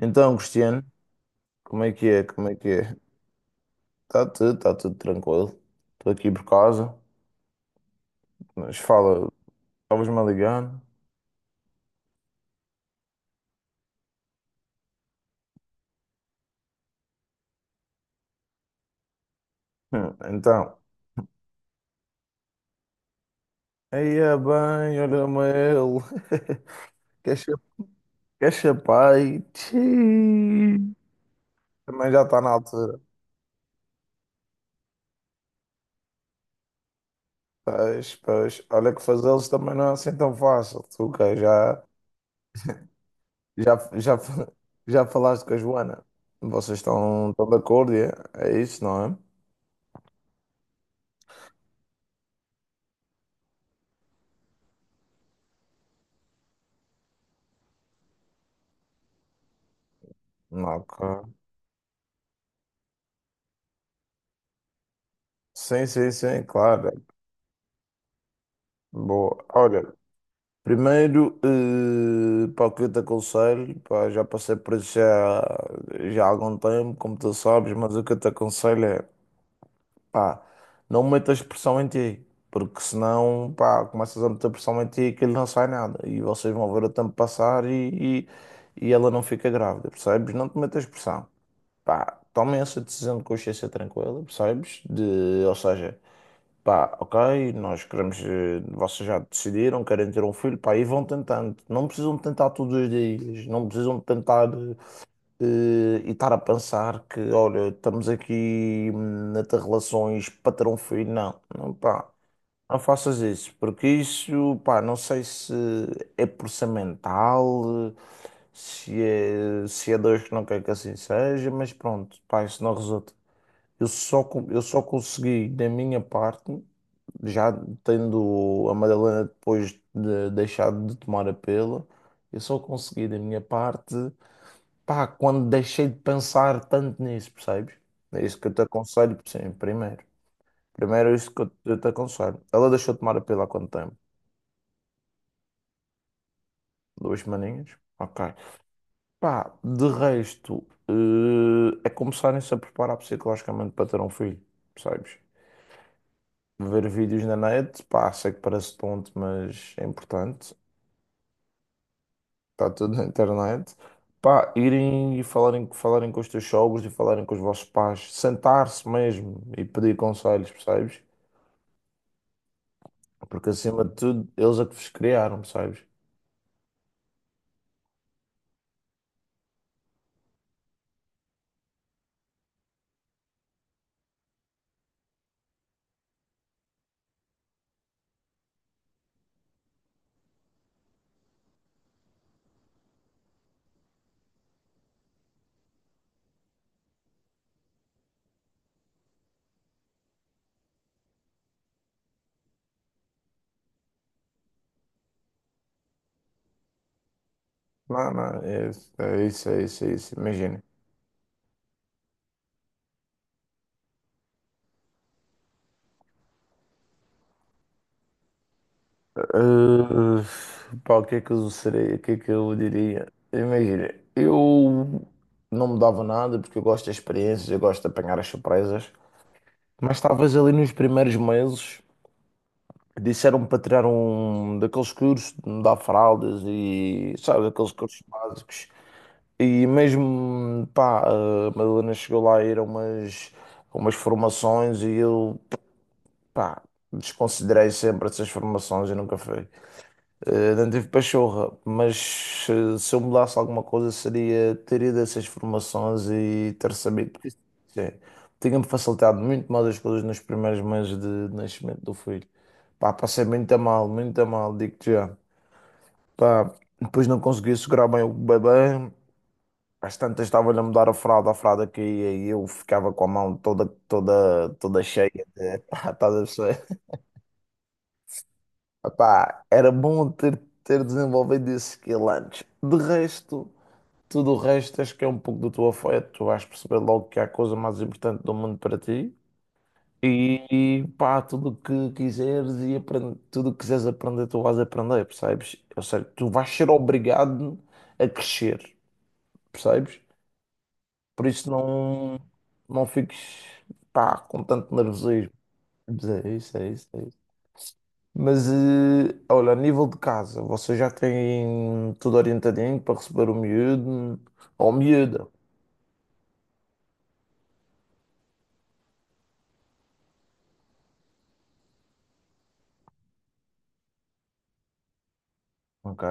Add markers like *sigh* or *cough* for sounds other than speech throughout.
Então, Cristiano, como é que é? Como é que é? Está tudo tranquilo. Estou aqui por casa, mas fala, estavas-me a ligar? Então, aí é bem, olha-me ele. *laughs* Quer cha- quer chapai? Tchiii. Também já está na altura. Pois, pois, olha que fazê-los também não é assim tão fácil. Tu que já, já, fa- já falaste com a Joana. Vocês estão de acordo, é? É isso, não é? Não, claro. Sim, sim, sim, claro. Boa. Olha, primeiro, pá, o que eu te aconselho, pá, já passei por isso já, já há algum tempo, como tu sabes, mas o que eu te aconselho é, pá, não metas pressão em ti, porque senão, pá, começas a meter pressão em ti e aquilo não sai nada, e vocês vão ver o tempo passar e, e ela não fica grávida, percebes? Não te metas pressão, pá, tomem essa decisão de consciência tranquila, percebes? Ou seja... Pá, ok, nós queremos. Vocês já decidiram, querem ter um filho, pá, e vão tentando. Não precisam de tentar todos os dias, não precisam de tentar eh, e estar a pensar que, olha, estamos aqui a ter relações para ter um filho. Não, não, pá, não faças isso, porque isso, pá, não sei se é por ser mental, se é Deus que não quer que assim seja, mas pronto, pá, isso não resulta. Eu só consegui, da minha parte já tendo a Madalena depois de deixado de tomar a pílula, eu só consegui da minha parte, pá, quando deixei de pensar tanto nisso, percebes? É isso que eu te aconselho, sim, primeiro. Primeiro é isso que eu te aconselho. Ela deixou de tomar a pílula há quanto tempo? 2 semaninhas? Ok. Pá, de resto, é começarem-se a preparar psicologicamente para ter um filho, percebes? Ver vídeos na net, pá, sei que parece tonto, mas é importante. Está tudo na internet. Pá, irem e falarem com os teus sogros e falarem com os vossos pais, sentar-se mesmo e pedir conselhos, percebes? Porque acima de tudo, eles é que vos criaram, percebes? Não, não, é, isso, é isso, é isso, é isso, imagina. Uh, pá, o que é que eu seria, o que é que eu diria? Imagina, eu não mudava nada porque eu gosto de experiências, eu gosto de apanhar as surpresas, mas talvez ali nos primeiros meses. Disseram-me para tirar um daqueles cursos de mudar fraldas e, sabe, daqueles cursos básicos. E mesmo, pá, a Madalena chegou lá a ir a umas formações e eu, pá, desconsiderei sempre essas formações e nunca fui. Não tive pachorra, mas se eu mudasse alguma coisa seria ter ido a essas formações e ter sabido. Sim, tinha-me facilitado muito mais as coisas nos primeiros meses de nascimento do filho. Pá, passei muito a mal, digo-te já. Pá, depois não conseguia segurar bem o bebê. Às tantas estava-lhe a mudar a fralda caía e eu ficava com a mão toda, toda, toda cheia de... *laughs* Pá, estás a perceber? Epá, era bom ter desenvolvido esse skill antes. De resto, tudo o resto acho que é um pouco do teu afeto. Tu vais perceber logo que há a coisa mais importante do mundo para ti. E, e pá, tudo o que quiseres aprender, tu vais aprender, percebes? Ou seja, tu vais ser obrigado a crescer, percebes? Por isso não, não fiques, pá, com tanto nervosismo. Mas é isso, é isso, é isso. Mas, olha, a nível de casa, vocês já têm tudo orientadinho para receber o miúdo ou miúda, ok?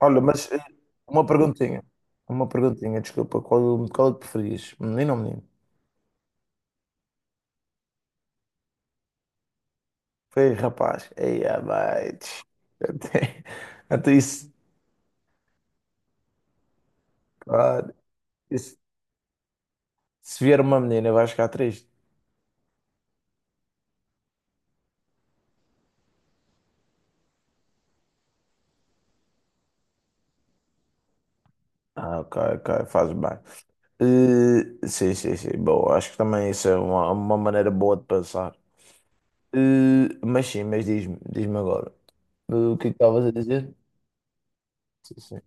Olha, mas uma perguntinha, uma perguntinha, desculpa, qual é que preferias, menino ou menino? Ei, rapaz, ei, ah, mate. até, até *laughs* isso, claro, isso- se vier uma menina vais ficar triste. Ah, ok, ok, faz bem. Sim, sim, sim, bom, acho que também isso é uma maneira boa de pensar. Mas sim, mas diz-me agora. O que é que estavas a dizer? Sim, sim.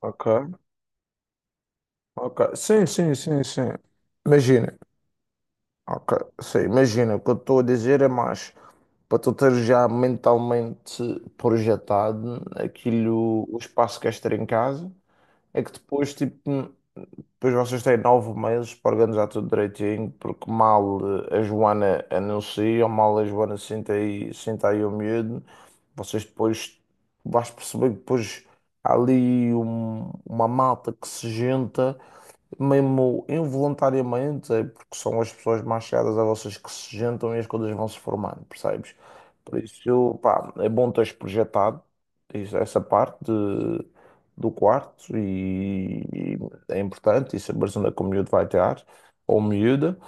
Ok, ok. Sim, sim, sim, sim. Imagina. Ok, sim, imagina. O que eu estou a dizer é mais para tu ter já mentalmente projetado aquilo, o espaço que queres ter em casa, é que depois, tipo. Depois vocês têm 9 meses para organizar tudo direitinho, porque mal a Joana anuncia, ou mal a Joana senta aí o medo vocês depois vais perceber que depois há ali uma malta que se junta mesmo involuntariamente, é porque são as pessoas mais chegadas a vocês que se juntam e as coisas vão se formando, percebes? Por isso, pá, é bom teres projetado essa parte do quarto e é importante e saberes onde é que o miúdo vai estar, ou miúda.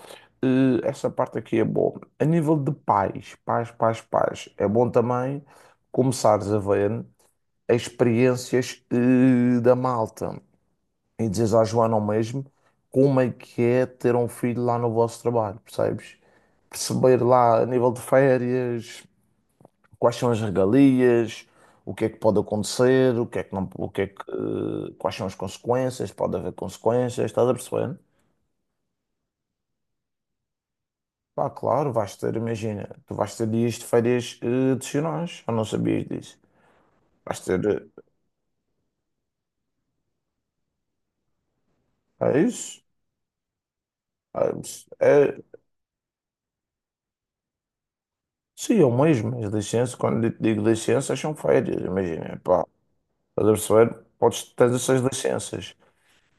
Essa parte aqui é boa. A nível de pais, é bom também começares a ver as experiências da malta e dizes à Joana ao mesmo como é que é ter um filho lá no vosso trabalho, percebes? Perceber lá a nível de férias, quais são as regalias, o que é que pode acontecer, o que é que não, o que é que, eh, quais são as consequências, pode haver consequências, estás a perceber? Pá, claro, vais ter, imagina, tu vais ter dias de férias adicionais, eu não sabias disso. Vais ter, é isso? É, isso. Sim, eu mesmo, as licenças, quando eu digo licenças, são férias, imagina, pá. Estás a perceber? Podes, tens essas licenças.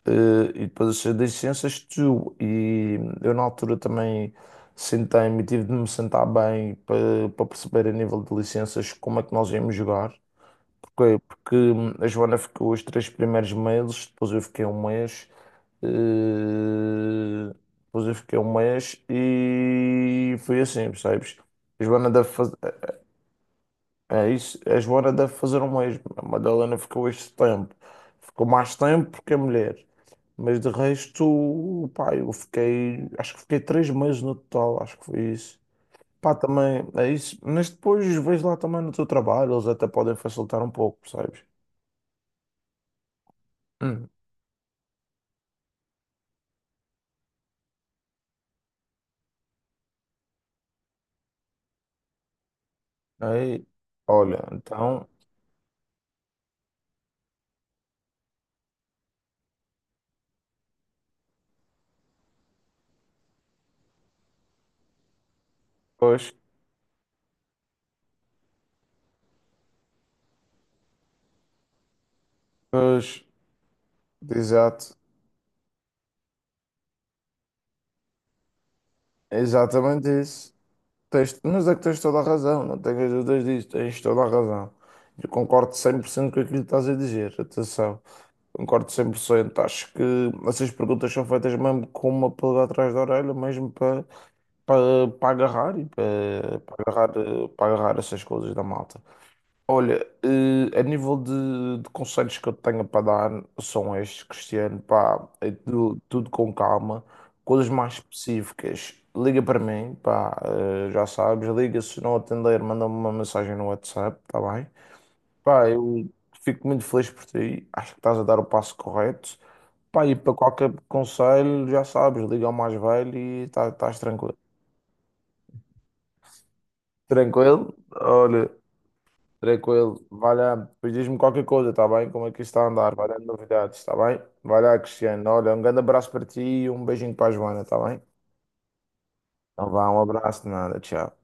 E depois essas licenças tu. E eu na altura também sentei-me, tive de me sentar bem para, perceber a nível de licenças como é que nós íamos jogar. Porque a Joana ficou os 3 primeiros meses, depois eu fiquei um mês. eh, depois eu fiquei um mês e foi assim, percebes? A Joana deve, faz- é isso, a Joana deve fazer o mesmo. A Madalena ficou este tempo. Ficou mais tempo porque é mulher. Mas de resto, pá, eu fiquei. Acho que fiquei 3 meses no total, acho que foi isso. Pá, também é isso. Mas depois vejo lá também no teu trabalho, eles até podem facilitar um pouco, percebes? Hum. Aí, olha, então, pois, pois, exato, exatamente isso. Tens, mas é que tens toda a razão, não tenhas dúvidas disso, tens toda a razão. Eu concordo 100% com aquilo que estás a dizer, atenção, concordo 100%. Acho que essas perguntas são feitas mesmo com uma pulga atrás da orelha, mesmo para agarrar e para agarrar essas coisas da malta. Olha, a nível de conselhos que eu tenho para dar são estes, Cristiano, pá, é tudo, tudo com calma, coisas mais específicas, liga para mim, pá, já sabes, liga, se não atender, manda-me uma mensagem no WhatsApp, tá bem? Pá, eu fico muito feliz por ti, acho que estás a dar o passo correto, pá, e para qualquer conselho, já sabes, liga ao mais velho e estás tranquilo. Tranquilo? Olha, tranquilo, vai lá, depois diz-me qualquer coisa, tá bem? Como é que isto está a andar? Vai dando novidades, tá bem? Vai lá, Cristiano. Olha, um grande abraço para ti e um beijinho para a Joana, tá bem? Então vá, um abraço de nada, tchau.